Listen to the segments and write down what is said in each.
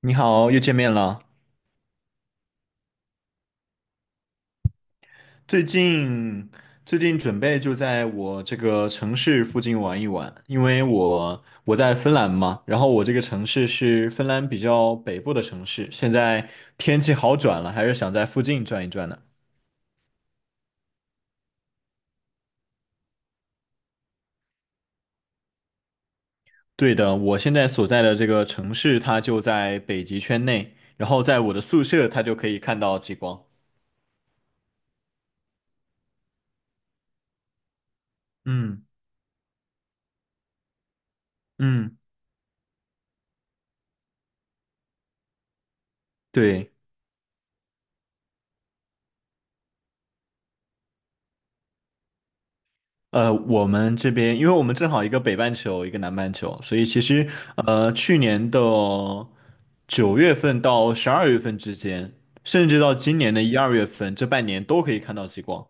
你好，又见面了。最近最近准备就在我这个城市附近玩一玩，因为我在芬兰嘛，然后我这个城市是芬兰比较北部的城市，现在天气好转了，还是想在附近转一转呢。对的，我现在所在的这个城市它就在北极圈内，然后在我的宿舍它就可以看到极光。嗯嗯，对。我们这边，因为我们正好一个北半球，一个南半球，所以其实去年的9月份到12月份之间，甚至到今年的1、2月份，这半年都可以看到极光。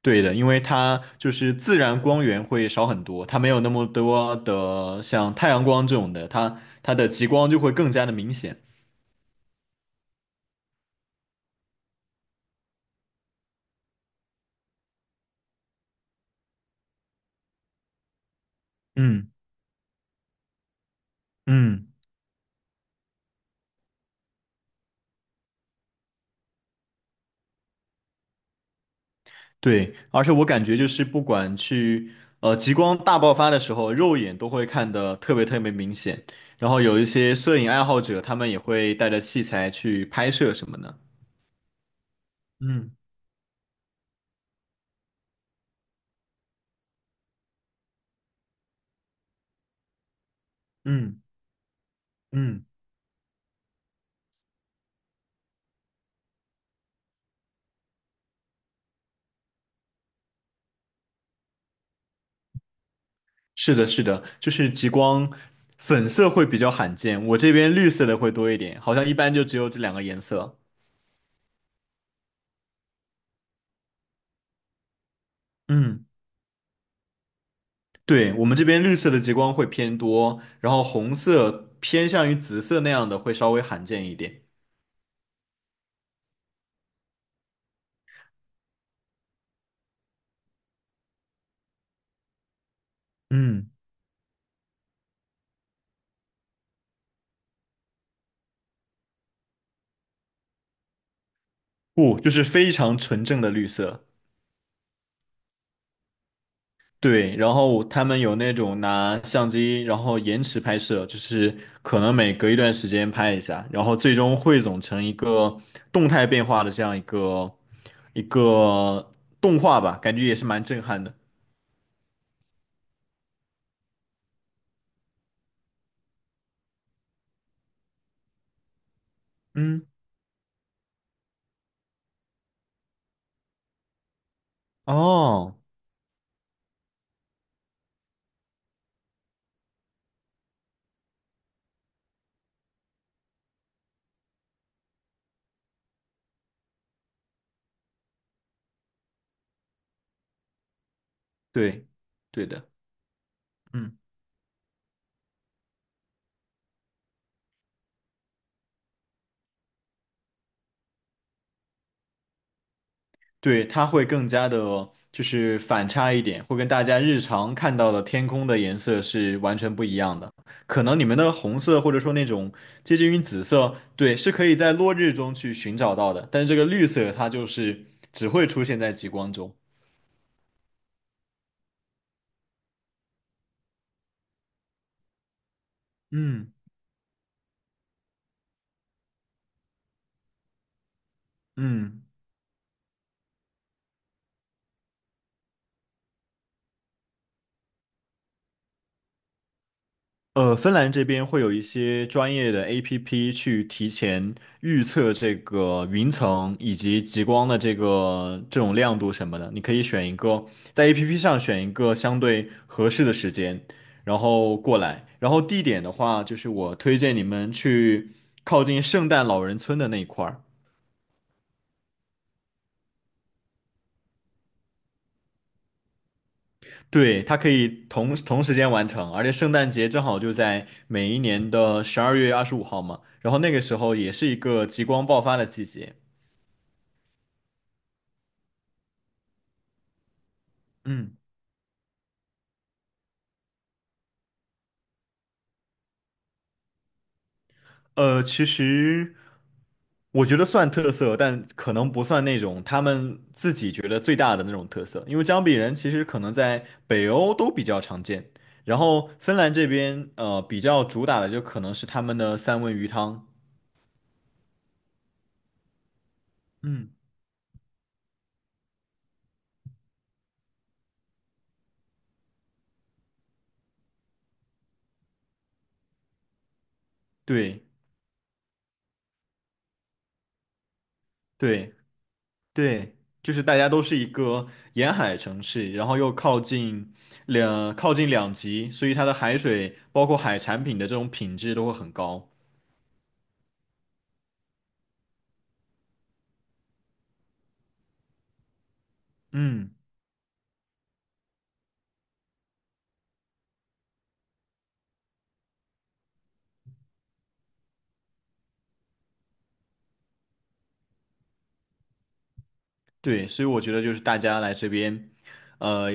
对的，因为它就是自然光源会少很多，它没有那么多的像太阳光这种的，它的极光就会更加的明显。嗯嗯。对，而且我感觉就是不管去呃极光大爆发的时候，肉眼都会看得特别特别明显。然后有一些摄影爱好者，他们也会带着器材去拍摄什么的。嗯嗯嗯，是的，是的，就是极光粉色会比较罕见，我这边绿色的会多一点，好像一般就只有这两个颜色。嗯，对，我们这边绿色的极光会偏多，然后红色偏向于紫色那样的会稍微罕见一点。嗯。不，就是非常纯正的绿色。对，然后他们有那种拿相机，然后延迟拍摄，就是可能每隔一段时间拍一下，然后最终汇总成一个动态变化的这样一个动画吧，感觉也是蛮震撼的。嗯，哦，对，对的。嗯。对，它会更加的，就是反差一点，会跟大家日常看到的天空的颜色是完全不一样的。可能你们的红色或者说那种接近于紫色，对，是可以在落日中去寻找到的，但是这个绿色它就是只会出现在极光中。嗯嗯，芬兰这边会有一些专业的 APP 去提前预测这个云层以及极光的这个这种亮度什么的，你可以选一个在 APP 上选一个相对合适的时间，然后过来。然后地点的话，就是我推荐你们去靠近圣诞老人村的那一块儿，对，它可以同时间完成，而且圣诞节正好就在每一年的12月25号嘛，然后那个时候也是一个极光爆发的季节。嗯，其实我觉得算特色，但可能不算那种他们自己觉得最大的那种特色，因为姜饼人其实可能在北欧都比较常见，然后芬兰这边比较主打的就可能是他们的三文鱼汤。嗯，对对对，就是大家都是一个沿海城市，然后又靠近两极，所以它的海水包括海产品的这种品质都会很高。嗯。对，所以我觉得就是大家来这边，呃，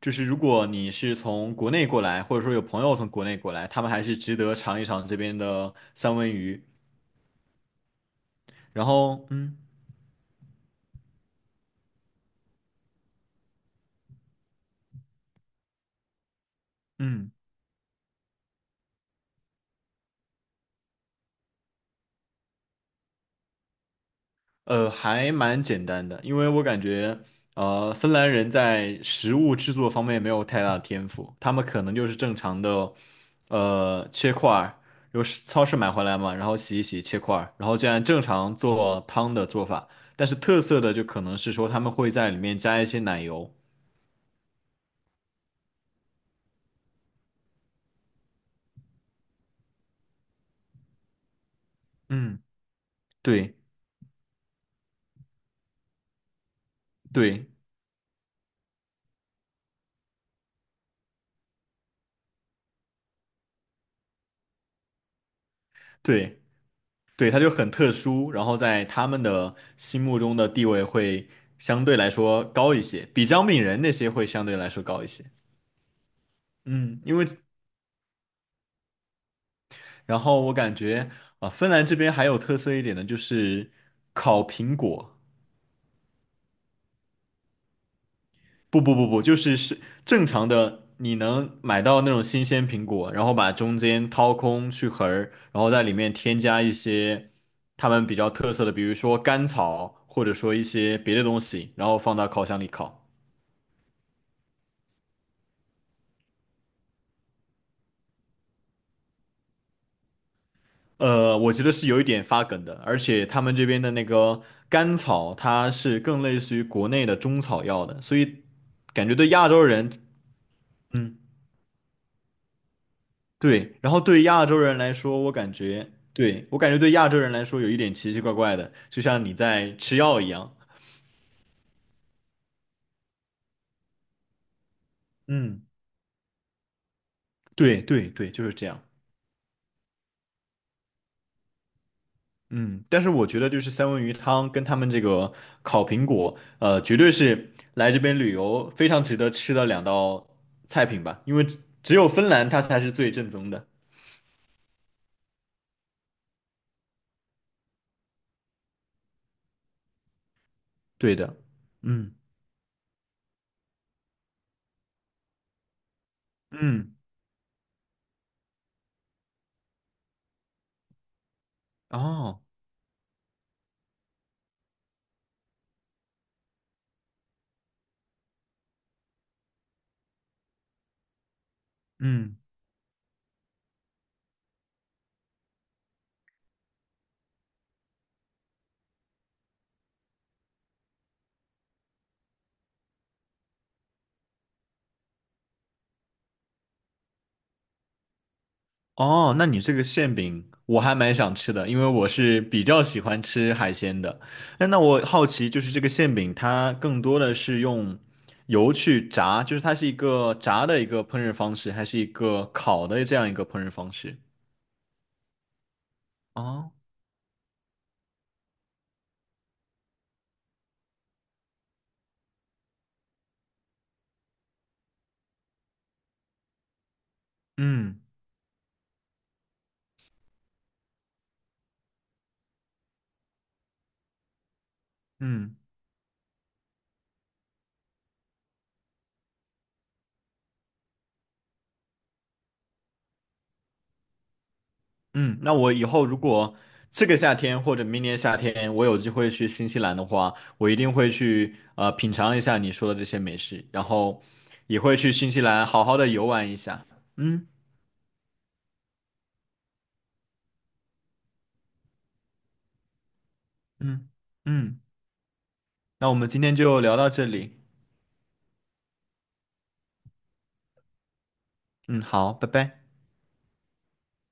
就是如果你是从国内过来，或者说有朋友从国内过来，他们还是值得尝一尝这边的三文鱼。然后，嗯嗯。还蛮简单的，因为我感觉，芬兰人在食物制作方面没有太大的天赋，他们可能就是正常的，切块儿，由市超市买回来嘛，然后洗一洗切块儿，然后这样正常做汤的做法。但是特色的就可能是说他们会在里面加一些奶油。嗯，对对对对，它就很特殊，然后在他们的心目中的地位会相对来说高一些，比姜饼人那些会相对来说高一些。嗯，然后我感觉啊，芬兰这边还有特色一点的就是烤苹果，不不不不，就是正常的，你能买到那种新鲜苹果，然后把中间掏空去核儿，然后在里面添加一些他们比较特色的，比如说甘草，或者说一些别的东西，然后放到烤箱里烤。呃，我觉得是有一点发梗的，而且他们这边的那个甘草，它是更类似于国内的中草药的，所以感觉对亚洲人，嗯，对，然后对亚洲人来说，我感觉，对，我感觉对亚洲人来说有一点奇奇怪怪的，就像你在吃药一样，嗯，对对对，就是这样。嗯，但是我觉得就是三文鱼汤跟他们这个烤苹果，呃，绝对是来这边旅游非常值得吃的两道菜品吧，因为只有芬兰它才是最正宗的。对的，嗯嗯，哦，嗯。哦，那你这个馅饼我还蛮想吃的，因为我是比较喜欢吃海鲜的。那我好奇，就是这个馅饼它更多的是用油去炸，就是它是一个炸的一个烹饪方式，还是一个烤的这样一个烹饪方式？哦，嗯嗯嗯，那我以后如果这个夏天或者明年夏天我有机会去新西兰的话，我一定会去品尝一下你说的这些美食，然后也会去新西兰好好的游玩一下。嗯。嗯嗯，那我们今天就聊到这里。嗯，好，拜拜。